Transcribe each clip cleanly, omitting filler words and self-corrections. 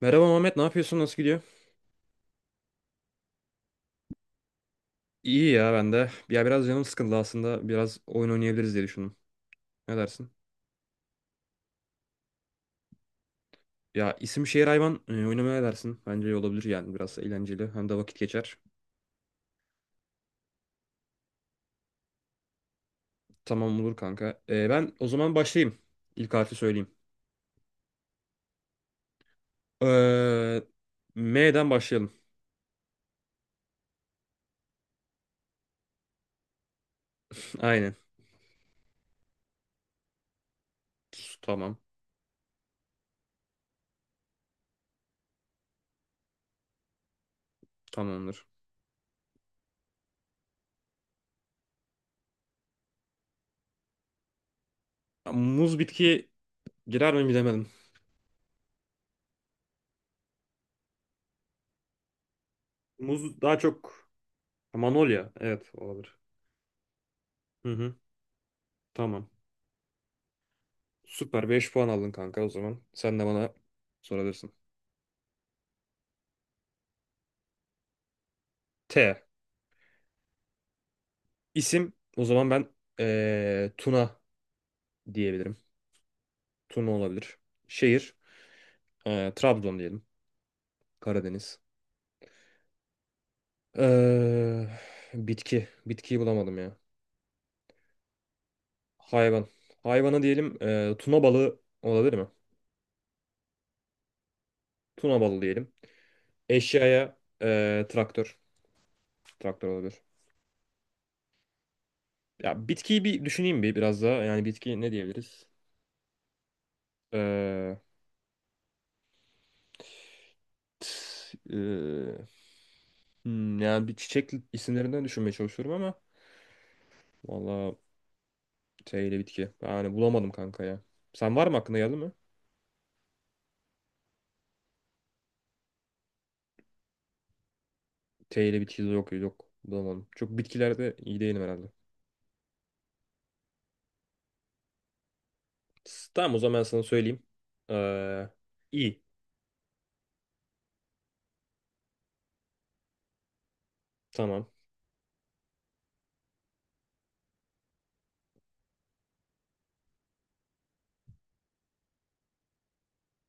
Merhaba Muhammed, ne yapıyorsun? Nasıl gidiyor? İyi ya ben de. Ya biraz canım sıkıldı aslında. Biraz oyun oynayabiliriz diye düşündüm. Ne dersin? Ya isim şehir hayvan oynamaya ne dersin? Bence iyi olabilir yani biraz eğlenceli. Hem de vakit geçer. Tamam olur kanka. Ben o zaman başlayayım. İlk harfi söyleyeyim. Ee, M'den başlayalım. Aynen. Tamam. Tamamdır. Ya, muz bitki girer mi bilemedim. Muz daha çok Manolya. Evet olabilir. Hı hı. Tamam. Süper, 5 puan aldın kanka o zaman. Sen de bana sorabilirsin. T. İsim o zaman ben Tuna diyebilirim. Tuna olabilir. Şehir Trabzon diyelim. Karadeniz. Eee, bitki. Bitkiyi bulamadım ya. Hayvan. Hayvana diyelim tuna balığı olabilir mi? Tuna balığı diyelim. Eşyaya traktör. Traktör olabilir. Ya bitkiyi bir düşüneyim biraz daha. Yani bitki ne diyebiliriz? Eee, t- eee, Hmm, yani bir çiçek isimlerinden düşünmeye çalışıyorum ama valla T ile bitki. Yani bulamadım kanka ya. Sen var mı aklına geldi mi? T ile bitki yok, yok bulamadım. Çok bitkilerde iyi değilim herhalde. Tamam o zaman ben sana söyleyeyim. Ee, İ. Tamam.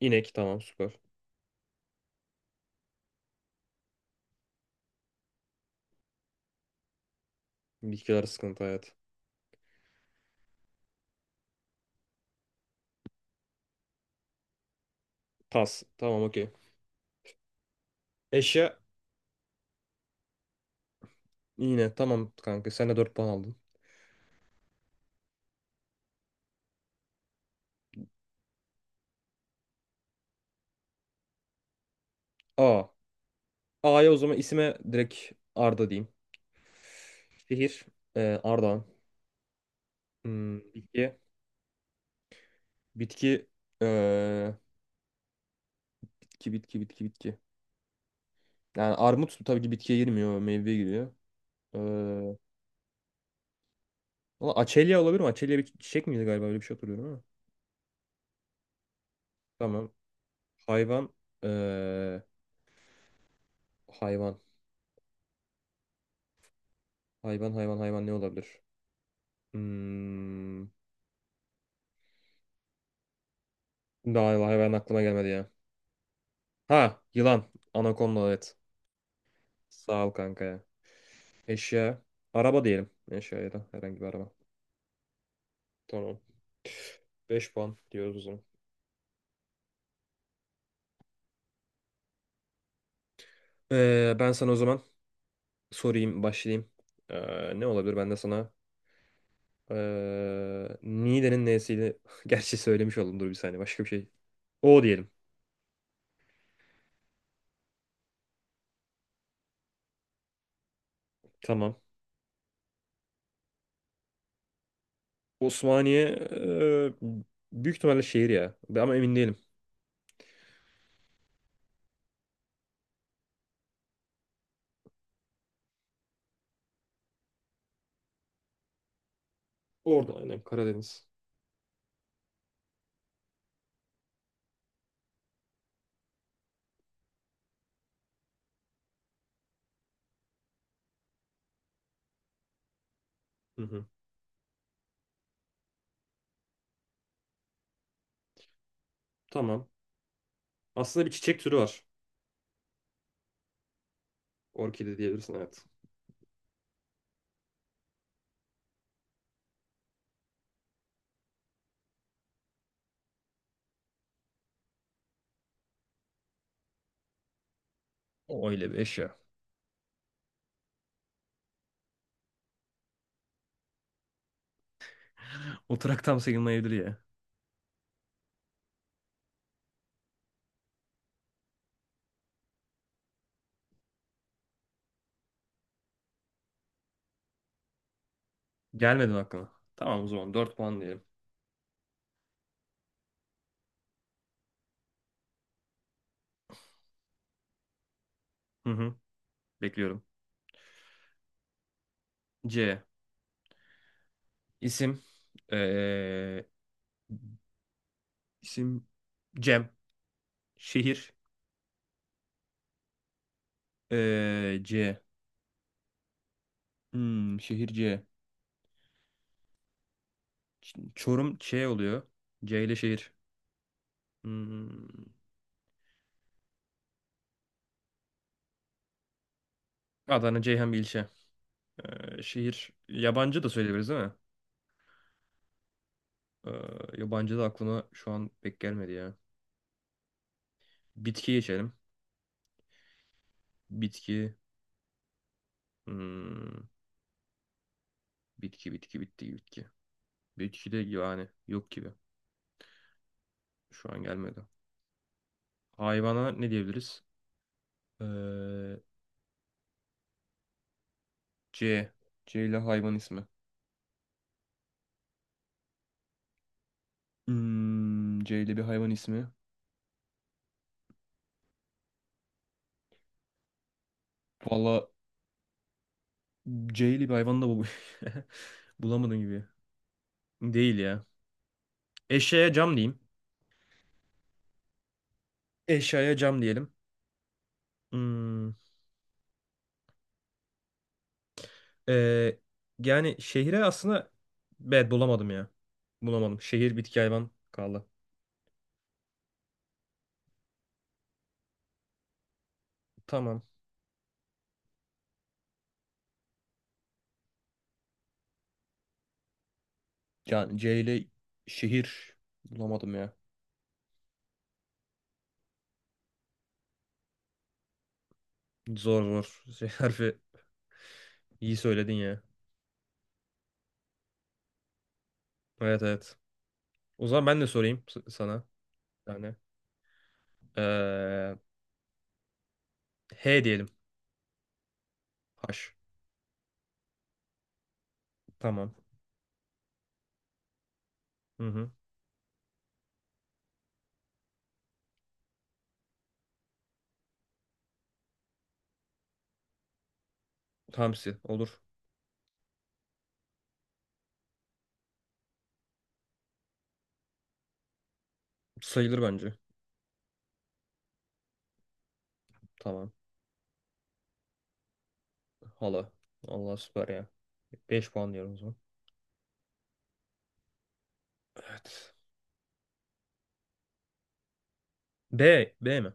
İnek. Tamam süper. Bitkiler sıkıntı hayat. Pas. Tamam okey. Eşya. Yine tamam kanka. Sen de 4 puan aldın. A. A'ya o zaman isime direkt Arda diyeyim. Şehir. Ardahan. Hmm, bitki. Bitki eee ki bitki bitki. Yani armut tabii ki bitkiye girmiyor, meyveye giriyor. Eee valla açelya olabilir mi? Açelya bir çiçek miydi galiba? Öyle bir şey hatırlıyorum ama. Tamam. Hayvan eee, hayvan. Hayvan ne olabilir? Hmm. Daha hayvan aklıma gelmedi ya. Ha, yılan. Anakonda evet. Sağ ol kanka ya. Eşya. Araba diyelim. Eşya ya da herhangi bir araba. Tamam. 5 puan diyoruz o zaman. Ben sana o zaman sorayım, başlayayım. Ne olabilir? Ben de sana Niğde'nin N'siydi. Gerçi söylemiş oldum. Dur bir saniye. Başka bir şey. O diyelim. Tamam. Osmaniye ee, büyük ihtimalle şehir ya. Ama emin değilim. Orada aynen. Karadeniz. Hı hı. Tamam. Aslında bir çiçek türü var. Orkide diyebilirsin evet. O öyle bir eşya. Oturak tam sayılmayabilir ya. Gelmedi mi? Tamam o zaman 4 puan diyelim. Hı hı. Bekliyorum. C. İsim. Ee, İsim Cem. Şehir C. Hmm, şehir C. Çorum Ç oluyor. C ile şehir. Hmm, Adana Ceyhan bir ilçe. Şehir yabancı da söyleyebiliriz değil mi? Eee, yabancı da aklıma şu an pek gelmedi ya. Bitki geçelim. Bitki. Hmm, bitki. Bitki de yani yok gibi. Şu an gelmedi. Hayvana ne diyebiliriz? Eee, C. C ile hayvan ismi. Hmm, C ile bir hayvan ismi. Valla C'li bir hayvan da bu. Bulamadım gibi. Değil ya. Eşeğe cam diyeyim. Eşyaya cam diyelim. Hmm, ee, yani şehre aslında evet bulamadım ya. Bulamadım. Şehir bitki hayvan kaldı. Tamam. Yani C ile şehir bulamadım ya. Zor, zor. Şey, harfi iyi söyledin ya. Evet. O zaman ben de sorayım sana. Yani. Ee, H diyelim. H. Tamam. Hı hı. Hamsi olur. Sayılır bence. Tamam. Hala. Allah süper ya. 5 puan diyorum o zaman. Evet. B. B mi?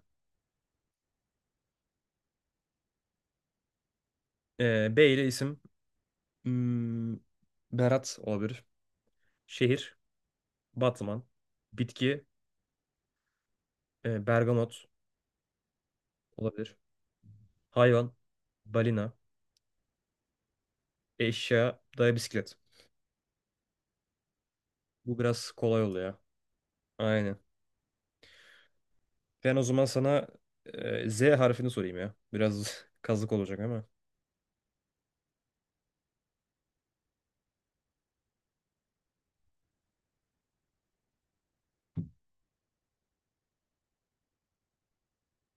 B ile isim. Hmm, Berat olabilir. Şehir. Batman. Bitki. Bergamot olabilir. Hayvan. Balina. Eşya. Daya bisiklet. Bu biraz kolay oldu ya. Aynen. Ben o zaman sana Z harfini sorayım ya. Biraz kazık olacak ama.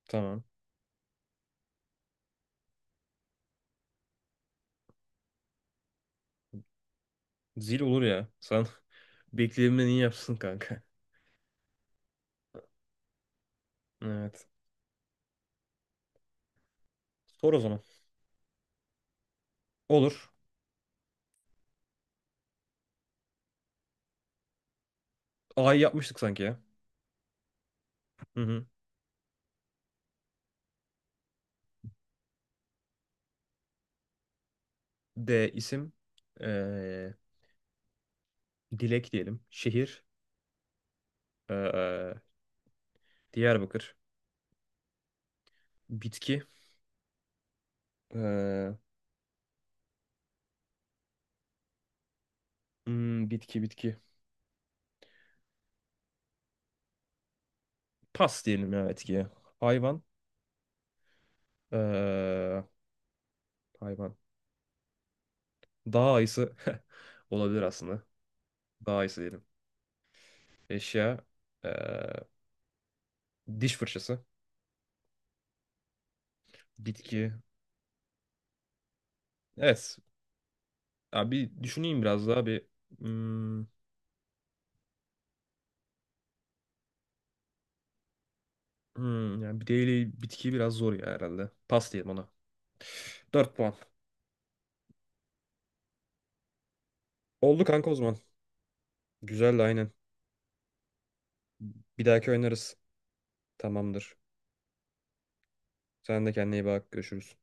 Tamam. Zil olur ya. Sen bekleyimden iyi yapsın kanka. Evet. Sor o zaman. Olur. A'yı yapmıştık sanki ya. Hı hı. D isim. Ee, Dilek diyelim. Şehir. Ee, Diyarbakır. Bitki. Ee, bitki. Pas diyelim ya bitkiye. Hayvan. Ee, hayvan. Dağ ayısı. Olabilir aslında. Dağ ayısı diyelim. Eşya. Ee, diş fırçası. Bitki. Evet. Abi düşüneyim biraz daha bir. Hmm, yani bir değil bitki biraz zor ya herhalde. Pas diyelim ona. 4 puan. Oldu kanka o zaman. Güzeldi aynen. Bir dahaki oynarız. Tamamdır. Sen de kendine iyi bak. Görüşürüz.